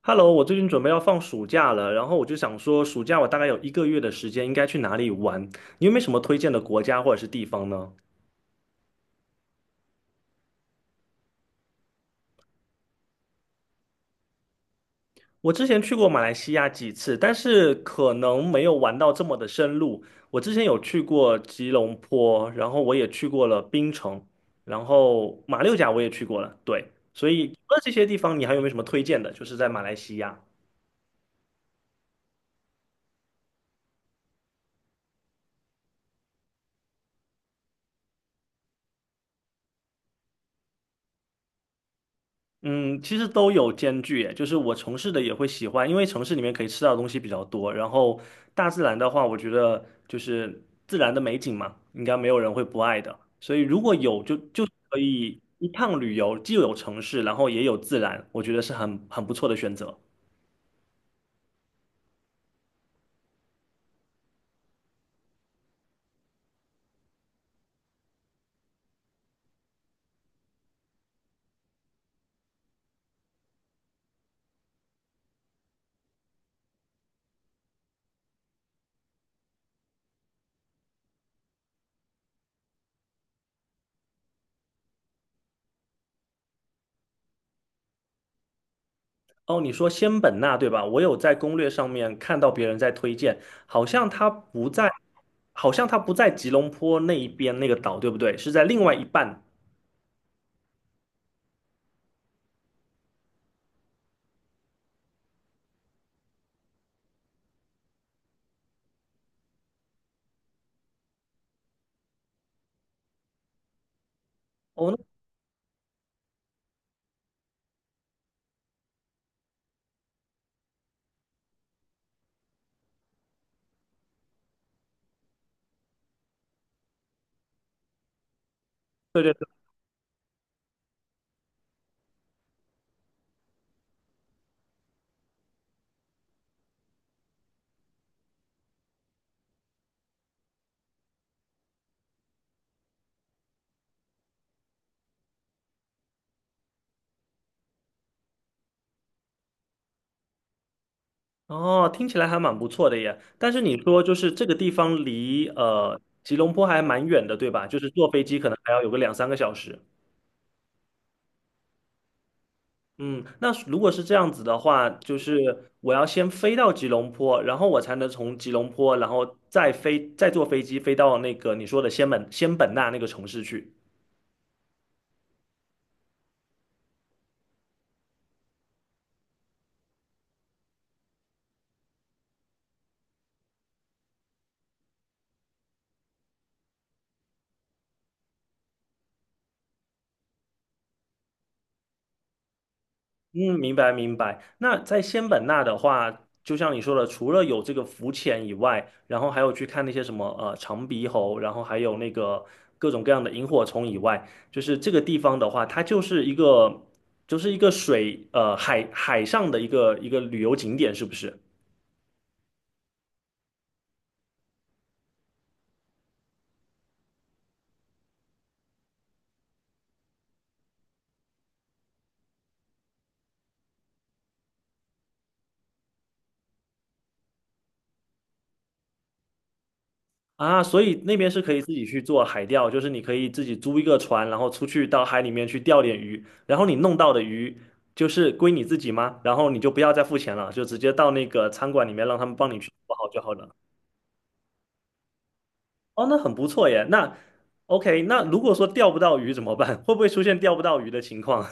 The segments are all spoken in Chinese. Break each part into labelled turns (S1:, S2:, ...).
S1: Hello，我最近准备要放暑假了，然后我就想说，暑假我大概有一个月的时间，应该去哪里玩？你有没有什么推荐的国家或者是地方呢？我之前去过马来西亚几次，但是可能没有玩到这么的深入。我之前有去过吉隆坡，然后我也去过了槟城，然后马六甲我也去过了，对。所以除了这些地方，你还有没有什么推荐的？就是在马来西亚。嗯，其实都有兼具耶，就是我城市的也会喜欢，因为城市里面可以吃到的东西比较多。然后大自然的话，我觉得就是自然的美景嘛，应该没有人会不爱的。所以如果有就可以一趟旅游，既有城市，然后也有自然，我觉得是很不错的选择。哦，你说仙本那对吧？我有在攻略上面看到别人在推荐，好像它不在，好像它不在吉隆坡那一边那个岛，对不对？是在另外一半。哦，那哦，听起来还蛮不错的耶。但是你说就是这个地方离吉隆坡还蛮远的，对吧？就是坐飞机可能还要有个两三个小时。嗯，那如果是这样子的话，就是我要先飞到吉隆坡，然后我才能从吉隆坡，然后再坐飞机飞到那个你说的仙本那那个城市去。嗯，明白明白。那在仙本那的话，就像你说的，除了有这个浮潜以外，然后还有去看那些什么长鼻猴，然后还有那个各种各样的萤火虫以外，就是这个地方的话，它就是一个就是一个水呃海海上的一个旅游景点，是不是？啊，所以那边是可以自己去做海钓，就是你可以自己租一个船，然后出去到海里面去钓点鱼，然后你弄到的鱼就是归你自己吗？然后你就不要再付钱了，就直接到那个餐馆里面让他们帮你去做好就好了。哦，那很不错耶。那 OK,那如果说钓不到鱼怎么办？会不会出现钓不到鱼的情况？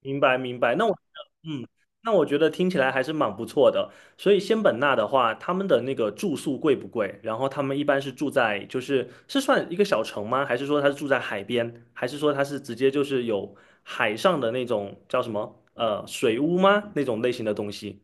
S1: 明白明白，那我嗯，那我觉得听起来还是蛮不错的。所以仙本那的话，他们的那个住宿贵不贵？然后他们一般是住在，就是是算一个小城吗？还是说他是住在海边？还是说他是直接就是有海上的那种叫什么水屋吗？那种类型的东西？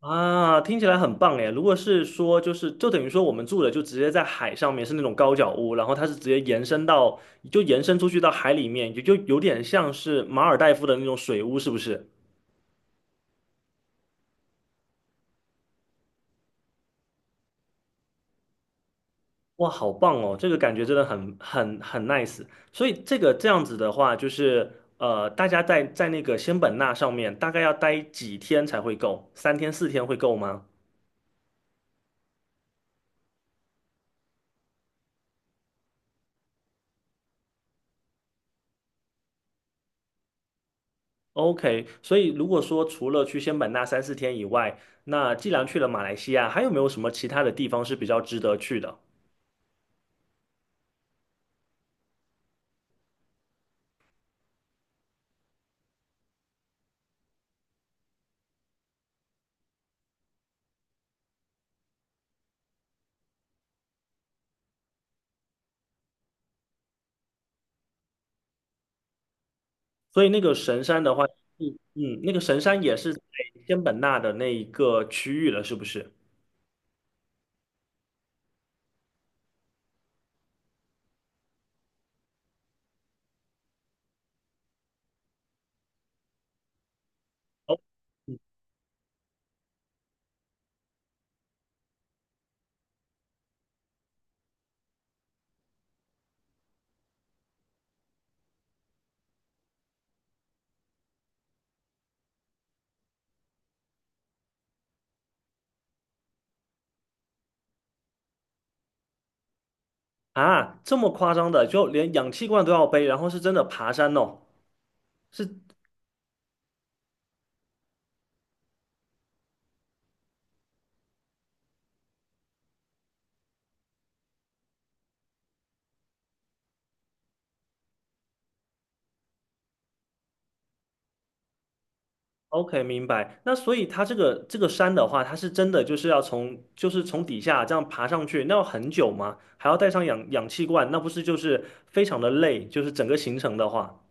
S1: 啊，听起来很棒哎！如果是说，就是就等于说我们住的就直接在海上面，是那种高脚屋，然后它是直接延伸到，就延伸出去到海里面，也就有点像是马尔代夫的那种水屋，是不是？哇，好棒哦！这个感觉真的很 nice。所以这个这样子的话，就是大家在那个仙本那上面大概要待几天才会够？三天四天会够吗？OK,所以如果说除了去仙本那三四天以外，那既然去了马来西亚，还有没有什么其他的地方是比较值得去的？所以那个神山的话，嗯嗯，那个神山也是在仙本那的那一个区域了，是不是？哦啊，这么夸张的，就连氧气罐都要背，然后是真的爬山哦，是 OK,明白。那所以它这个山的话，它是真的就是要从就是从底下这样爬上去，那要很久吗？还要带上氧气罐，那不是就是非常的累？就是整个行程的话，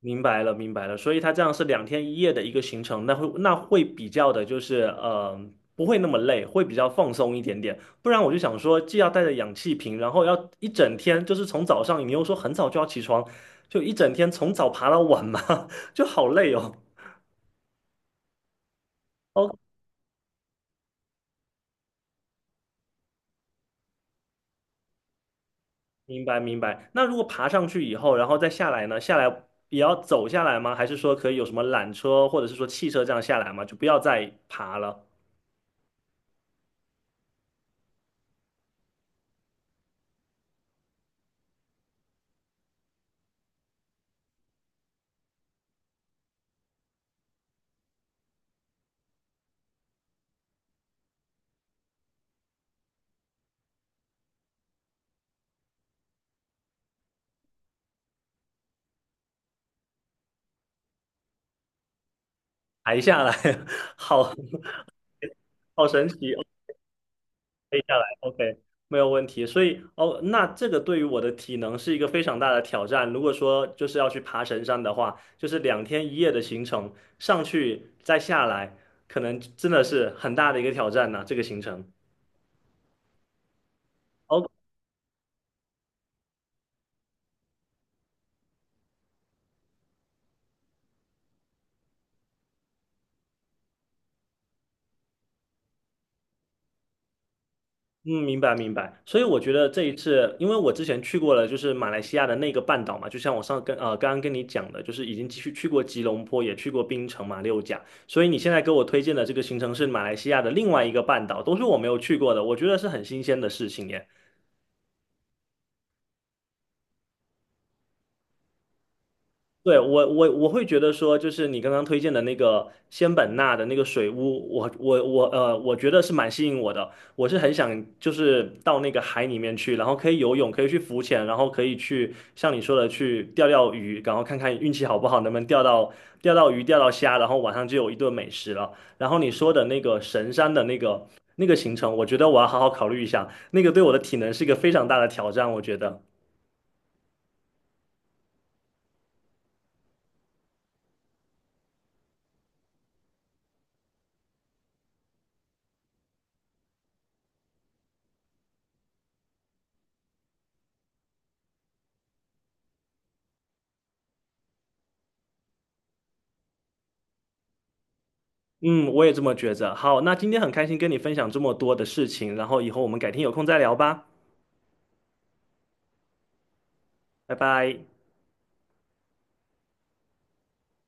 S1: 明白了，明白了。所以它这样是两天一夜的一个行程，那会比较的就是不会那么累，会比较放松一点点。不然我就想说，既要带着氧气瓶，然后要一整天，就是从早上你又说很早就要起床，就一整天从早爬到晚嘛，就好累哦。OK 明白明白。那如果爬上去以后，然后再下来呢？下来也要走下来吗？还是说可以有什么缆车或者是说汽车这样下来吗？就不要再爬了，抬下来，好好神奇哦，可以下来，OK,没有问题。所以哦，那这个对于我的体能是一个非常大的挑战。如果说就是要去爬神山的话，就是两天一夜的行程，上去再下来，可能真的是很大的一个挑战呢、这个行程。OK 嗯，明白明白。所以我觉得这一次，因为我之前去过了，就是马来西亚的那个半岛嘛，就像我上跟刚刚跟你讲的，就是已经去过吉隆坡，也去过槟城、马六甲。所以你现在给我推荐的这个行程是马来西亚的另外一个半岛，都是我没有去过的，我觉得是很新鲜的事情耶。对，我会觉得说，就是你刚刚推荐的那个仙本那的那个水屋，我我觉得是蛮吸引我的。我是很想就是到那个海里面去，然后可以游泳，可以去浮潜，然后可以去像你说的去钓钓鱼，然后看看运气好不好，能不能钓到鱼、钓到虾，然后晚上就有一顿美食了。然后你说的那个神山的那个行程，我觉得我要好好考虑一下，那个对我的体能是一个非常大的挑战，我觉得。嗯，我也这么觉着。好，那今天很开心跟你分享这么多的事情，然后以后我们改天有空再聊吧，拜拜。